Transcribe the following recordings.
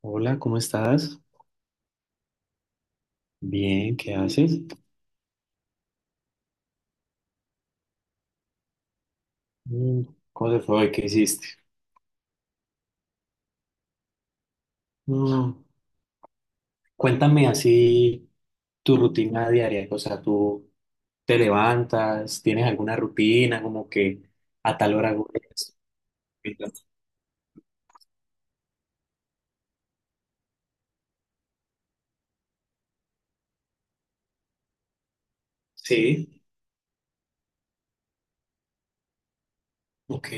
Hola, ¿cómo estás? Bien, ¿qué haces? Mm. ¿Cómo te fue hoy? ¿Qué hiciste? Mm. Cuéntame así tu rutina diaria, o sea, tú te levantas, tienes alguna rutina, como que ¿a tal hora hago esto? Sí, ok,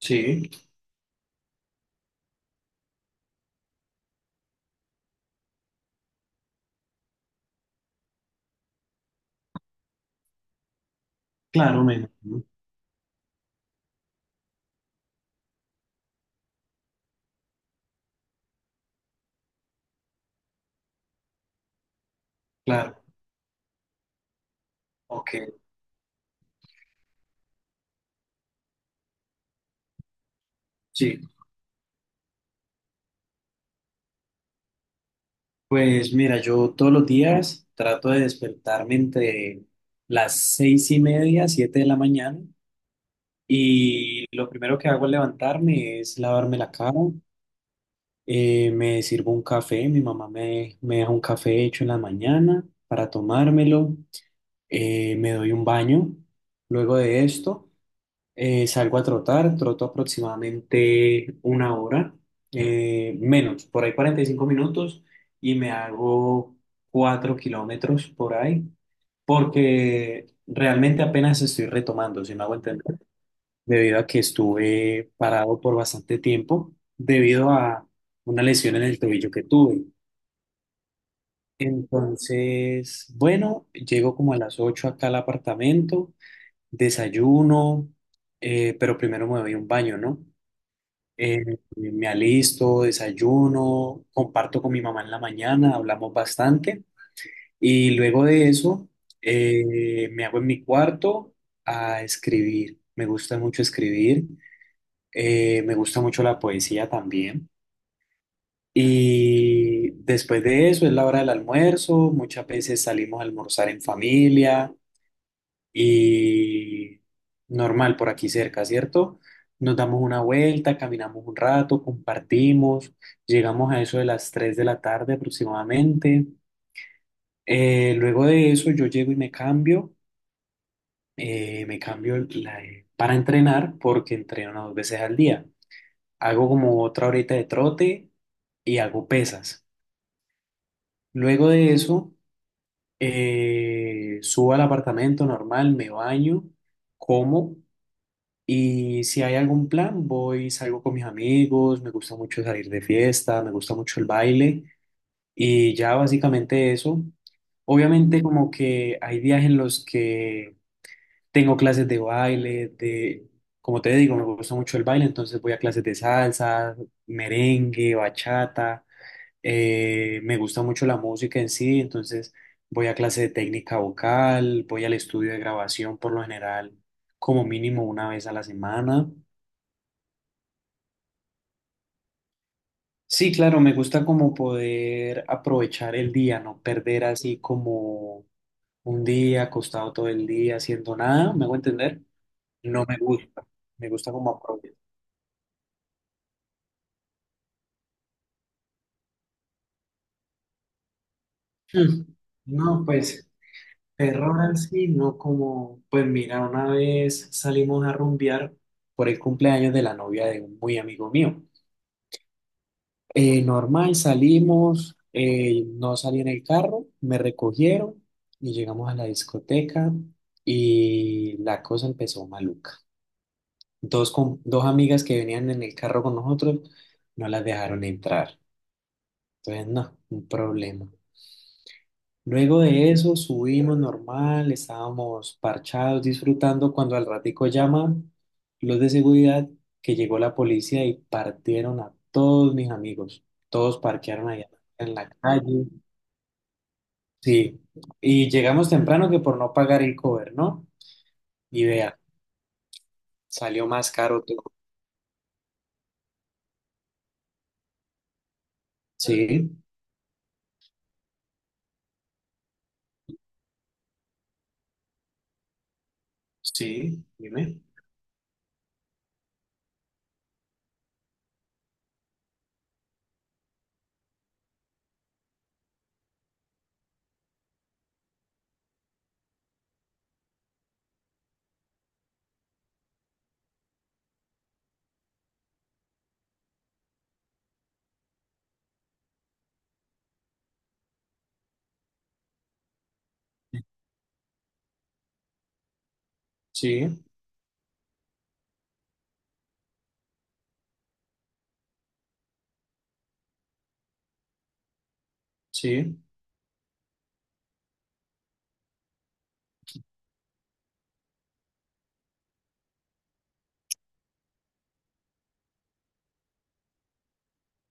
sí, claro, me imagino, claro, ok, sí. Pues mira, yo todos los días trato de despertarme entre las 6:30, 7 de la mañana. Y lo primero que hago al levantarme es lavarme la cara, me sirvo un café, mi mamá me deja un café hecho en la mañana para tomármelo, me doy un baño. Luego de esto, salgo a trotar, troto aproximadamente una hora, menos, por ahí 45 minutos y me hago 4 kilómetros por ahí, porque realmente apenas estoy retomando, si me hago entender, debido a que estuve parado por bastante tiempo debido a una lesión en el tobillo que tuve. Entonces, bueno, llego como a las 8 acá al apartamento, desayuno, pero primero me doy un baño, ¿no? Eh, me alisto, desayuno, comparto con mi mamá en la mañana, hablamos bastante y luego de eso me hago en mi cuarto a escribir. Me gusta mucho escribir. Me gusta mucho la poesía también. Y después de eso es la hora del almuerzo. Muchas veces salimos a almorzar en familia y normal por aquí cerca, ¿cierto? Nos damos una vuelta, caminamos un rato, compartimos. Llegamos a eso de las 3 de la tarde aproximadamente. Luego de eso yo llego y me cambio. eh, me cambio la- para entrenar porque entreno dos veces al día. Hago como otra horita de trote y hago pesas. Luego de eso, subo al apartamento normal, me baño, como, y si hay algún plan, voy, salgo con mis amigos, me gusta mucho salir de fiesta, me gusta mucho el baile y ya básicamente eso. Obviamente como que hay días en los que tengo clases de baile, de, como te digo, me gusta mucho el baile, entonces voy a clases de salsa, merengue, bachata. Me gusta mucho la música en sí, entonces voy a clase de técnica vocal, voy al estudio de grabación por lo general, como mínimo una vez a la semana. Sí, claro, me gusta como poder aprovechar el día, no perder así como un día acostado todo el día haciendo nada, ¿me hago entender? No me gusta, me gusta como aprovechar. Mm. No, pues. Terror así, no, como, pues mira, una vez salimos a rumbear por el cumpleaños de la novia de un muy amigo mío. Normal, salimos, no salí en el carro, me recogieron y llegamos a la discoteca y la cosa empezó maluca. Dos amigas que venían en el carro con nosotros no las dejaron entrar. Entonces, no, un problema. Luego de eso subimos normal, estábamos parchados, disfrutando cuando al ratico llaman los de seguridad que llegó la policía y partieron a todos mis amigos. Todos parquearon allá en la calle. Sí, y llegamos temprano que por no pagar el cover, ¿no? Y vea, salió más caro todo. Sí, sí, dime. Sí, sí,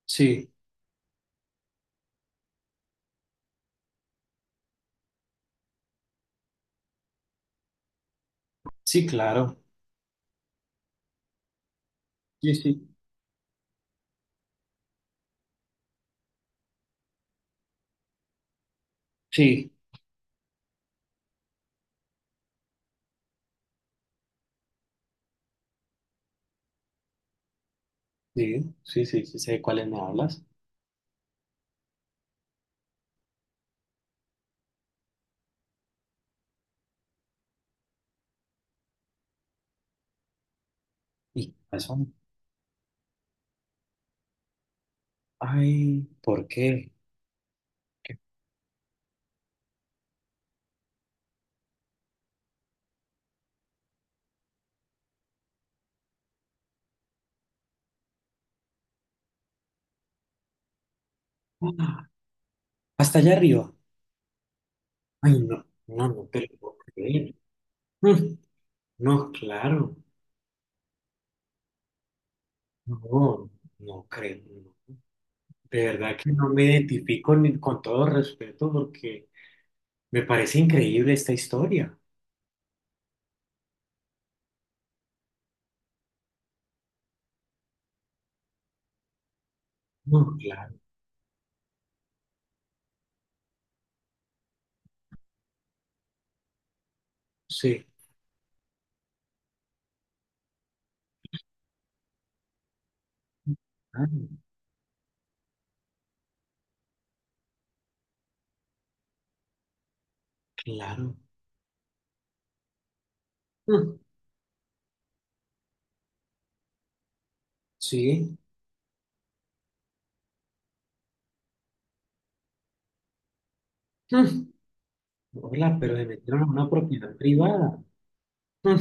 sí, sí, claro. Sí, sí. Sí, sí, sí, sí, sí, sé de cuáles me hablas. Y eso ay, ¿por qué? Ah, hasta allá arriba. Ay, no, no, no te lo puedo creer. Mm. No, claro, no, no creo. No. De verdad que no me identifico, ni con todo respeto, porque me parece increíble esta historia. No, claro, sí, ah, claro. Mm. Sí. Mm. Hola, pero se metieron a una propiedad privada. Mm.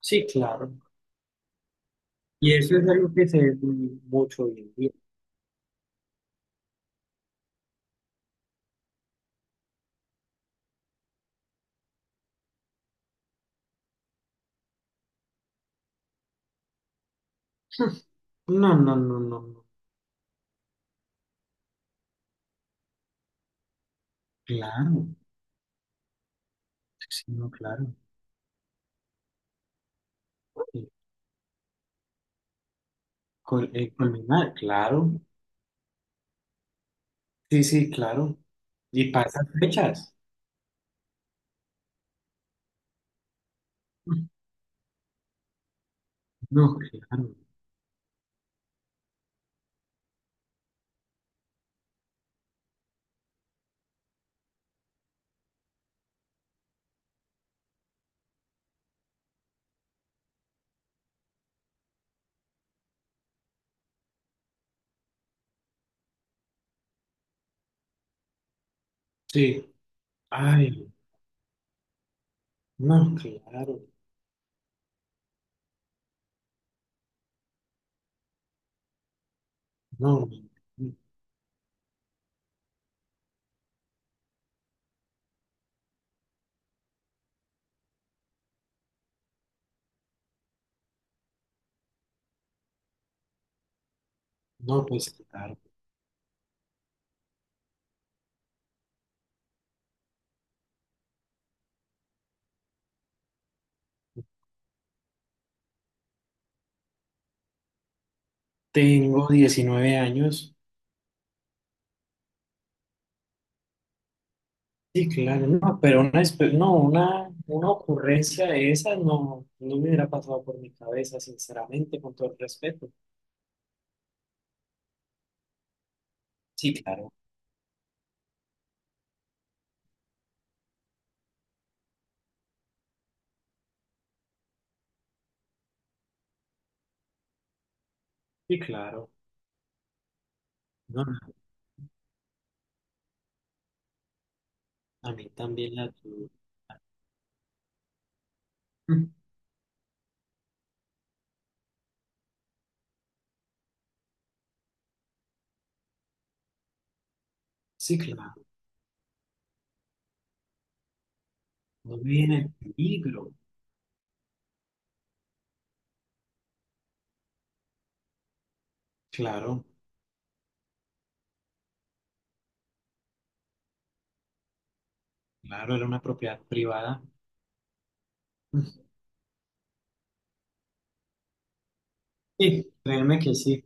Sí, claro. Y eso es algo que se ve muy- mucho hoy en día. No, no, no, no, no. Claro, sí, no, claro. Eh, culminar, claro. Sí, sí, claro. Y para esas fechas. No, claro. Sí. Ay, no, claro. No, no, no, pues claro. Tengo 19 años. Sí, claro, no, pero una, no, una ocurrencia de esas no, no me hubiera pasado por mi cabeza, sinceramente, con todo el respeto. Sí, claro. Sí, claro. No, a mí también la tuve. Sí, claro, no viene el peligro. Claro, claro, era una propiedad privada. Sí, créeme que sí.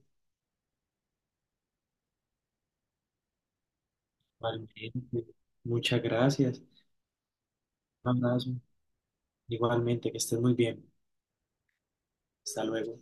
Igualmente, muchas gracias. Un abrazo. Igualmente, que estés muy bien. Hasta luego.